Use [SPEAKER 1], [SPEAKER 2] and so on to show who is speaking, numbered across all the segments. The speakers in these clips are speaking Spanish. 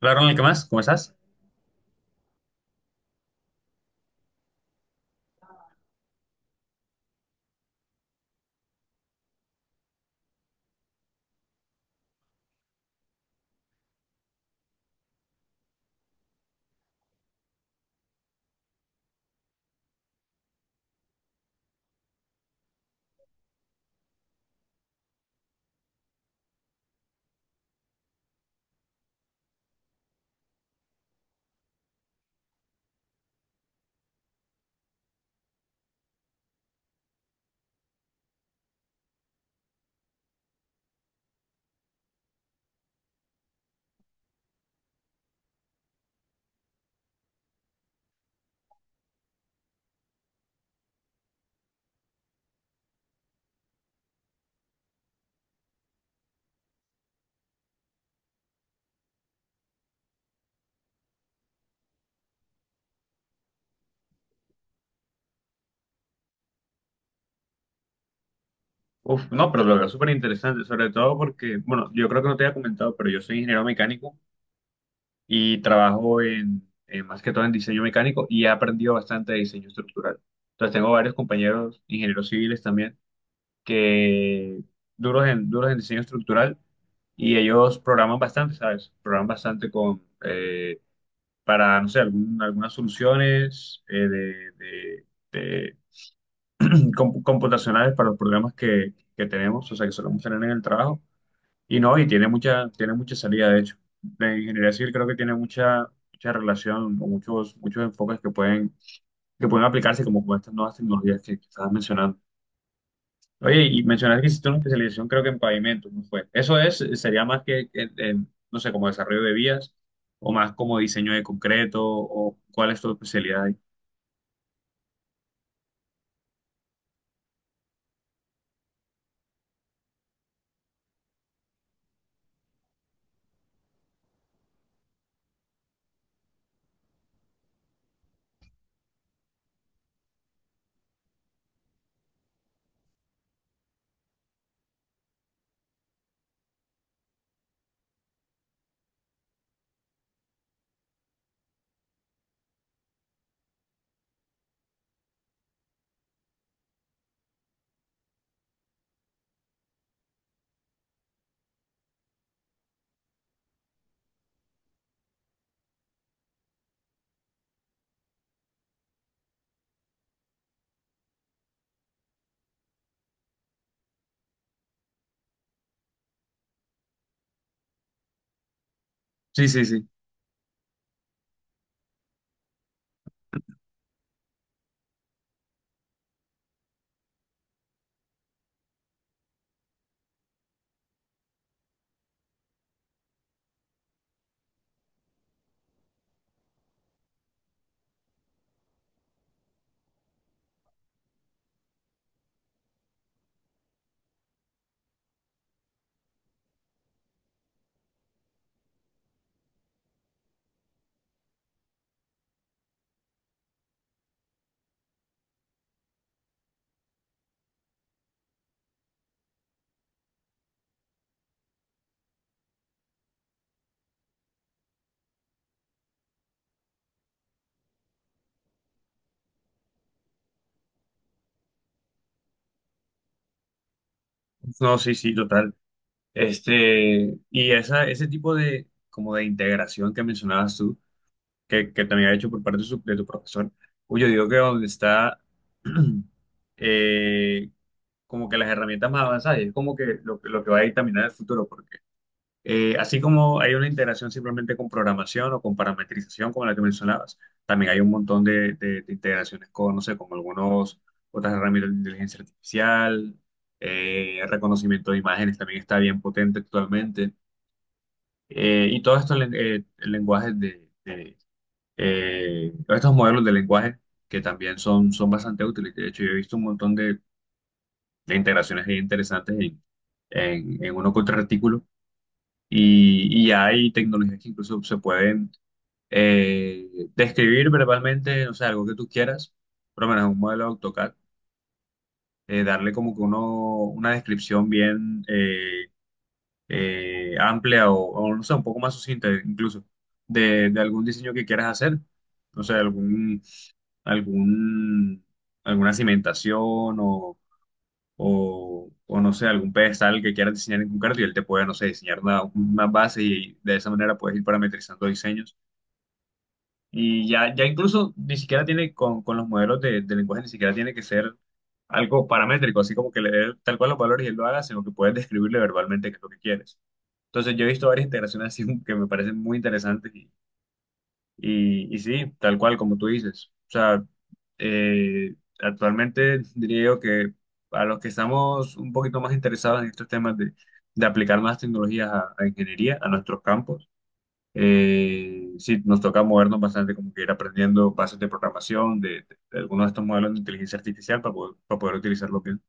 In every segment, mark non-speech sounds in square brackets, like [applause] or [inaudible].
[SPEAKER 1] Hola, Ronald, ¿qué más? ¿Cómo estás? Uf, no, pero lo veo súper interesante, sobre todo porque, bueno, yo creo que no te había comentado, pero yo soy ingeniero mecánico y trabajo en más que todo en diseño mecánico y he aprendido bastante de diseño estructural. Entonces tengo varios compañeros ingenieros civiles también que duros en diseño estructural y ellos programan bastante, ¿sabes? Programan bastante para, no sé, algunas soluciones de computacionales para los problemas que tenemos, o sea, que solemos tener en el trabajo. Y no, y tiene mucha salida, de hecho. La ingeniería civil creo que tiene mucha, mucha relación o muchos, muchos enfoques que pueden aplicarse como con estas nuevas tecnologías que estabas mencionando. Oye, y mencionaste que hiciste una especialización creo que en pavimentos, ¿no fue? Eso es, sería más que en, no sé, como desarrollo de vías o más como diseño de concreto o cuál es tu especialidad ahí. Sí, sí, sí. No, sí, sí, total. Este, y esa, ese tipo de, como de integración que mencionabas tú, que también ha hecho por parte de, de tu profesor, uy, yo digo que donde está [clears throat] eh, como que las herramientas más avanzadas, y es como que lo que va a dictaminar el futuro, porque así como hay una integración simplemente con programación o con parametrización, como la que mencionabas, también hay un montón de, de integraciones con, no sé, con algunos, otras herramientas de inteligencia artificial, reconocimiento de imágenes también está bien potente actualmente. Y todos estos lenguajes todos estos modelos de lenguaje que también son, son bastante útiles. De hecho, yo he visto un montón de integraciones ahí interesantes en uno que otro artículo. Y hay tecnologías que incluso se pueden eh, describir verbalmente, no sé, algo que tú quieras, por lo menos un modelo de AutoCAD, darle como que uno, una descripción bien. Amplia o, no sé, un poco más sucinta incluso de algún diseño que quieras hacer. No sé, algún, alguna cimentación o no sé, algún pedestal que quieras diseñar en concreto y él te puede, no sé, diseñar una base y de esa manera puedes ir parametrizando diseños. Y ya, ya incluso ni siquiera tiene, con los modelos de lenguaje, ni siquiera tiene que ser algo paramétrico, así como que leer tal cual los valores y él lo haga, sino que puedes describirle verbalmente qué es lo que quieres. Entonces yo he visto varias integraciones así [laughs] que me parecen muy interesantes y sí, tal cual como tú dices. O sea, actualmente diría yo que a los que estamos un poquito más interesados en estos temas de aplicar más tecnologías a ingeniería, a nuestros campos, sí, nos toca movernos bastante como que ir aprendiendo bases de programación, de algunos de estos modelos de inteligencia artificial para poder utilizarlo bien.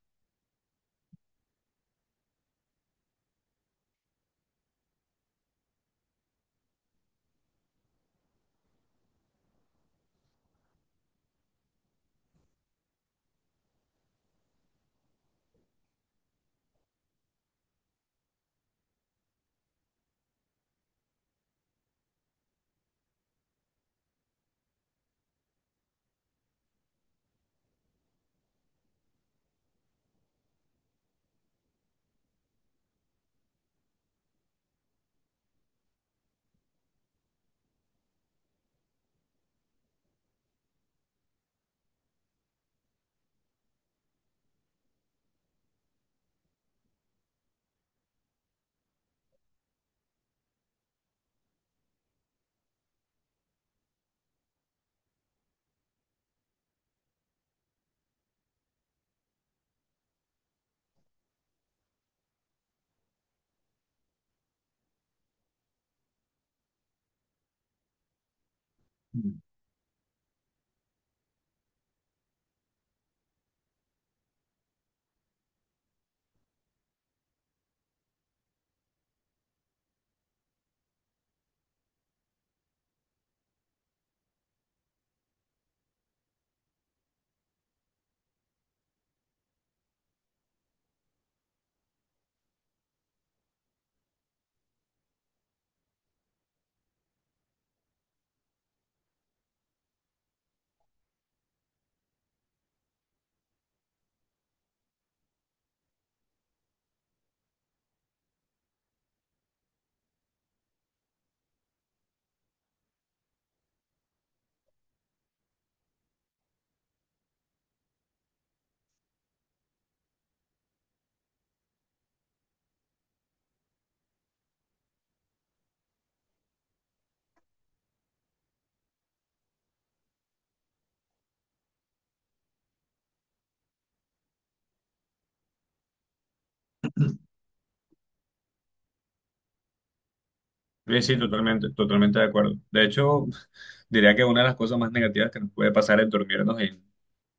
[SPEAKER 1] Sí, sí, totalmente, totalmente de acuerdo. De hecho, [laughs] diría que una de las cosas más negativas que nos puede pasar es dormirnos en,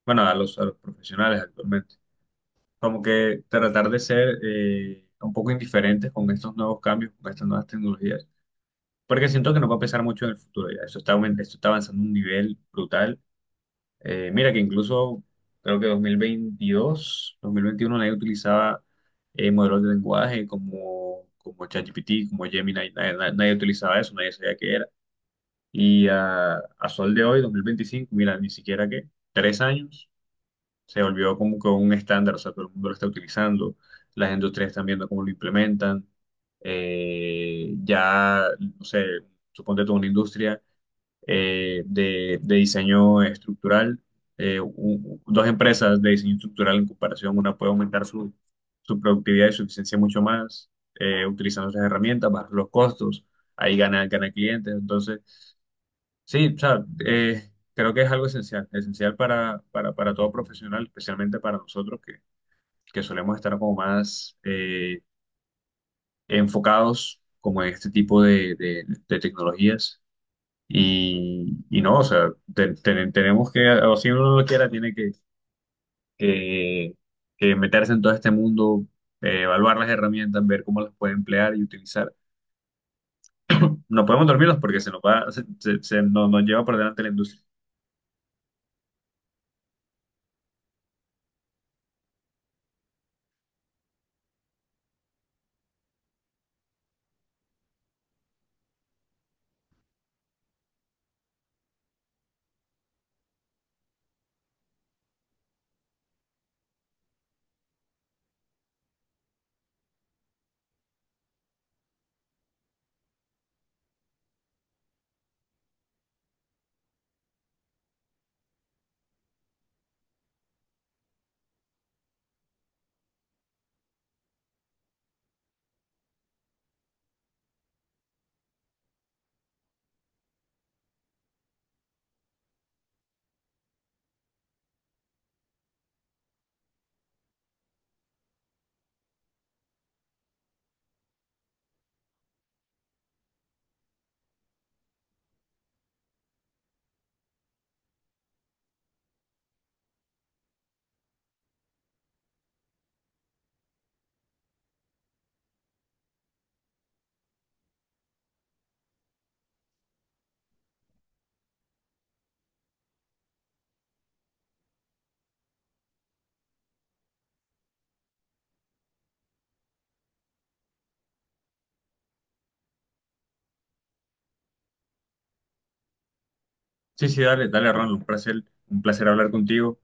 [SPEAKER 1] bueno, a los profesionales actualmente. Como que tratar de ser un poco indiferentes con estos nuevos cambios, con estas nuevas tecnologías. Porque siento que nos va a pesar mucho en el futuro ya. Eso está, esto está avanzando a un nivel brutal. Mira que incluso creo que dos mil veintidós, 2021 nadie utilizaba modelos de lenguaje como, como ChatGPT, como Gemini. Nadie utilizaba eso, nadie sabía qué era. Y a sol de hoy, 2025 mira, ni siquiera que 3 años se volvió como que un estándar, o sea, todo el mundo lo está utilizando, las industrias están viendo cómo lo implementan, ya, no sé, suponte tú una industria de diseño estructural, dos empresas de diseño estructural en comparación, una puede aumentar su productividad y su eficiencia mucho más, utilizando esas herramientas, bajar los costos, ahí gana, gana clientes, entonces... Sí, o sea, creo que es algo esencial, esencial para todo profesional, especialmente para nosotros que solemos estar como más enfocados como en este tipo de, de tecnologías. Y no, o sea, tenemos que, o si uno no lo quiera, tiene que, que meterse en todo este mundo, evaluar las herramientas, ver cómo las puede emplear y utilizar. No podemos dormirnos porque se nos va, se nos lleva por delante la industria. Sí, sí, dale, dale, Ron, un placer hablar contigo.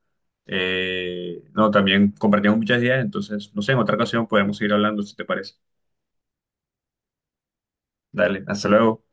[SPEAKER 1] No, también compartimos muchas ideas, entonces, no sé, en otra ocasión podemos seguir hablando, si te parece. Dale, hasta luego.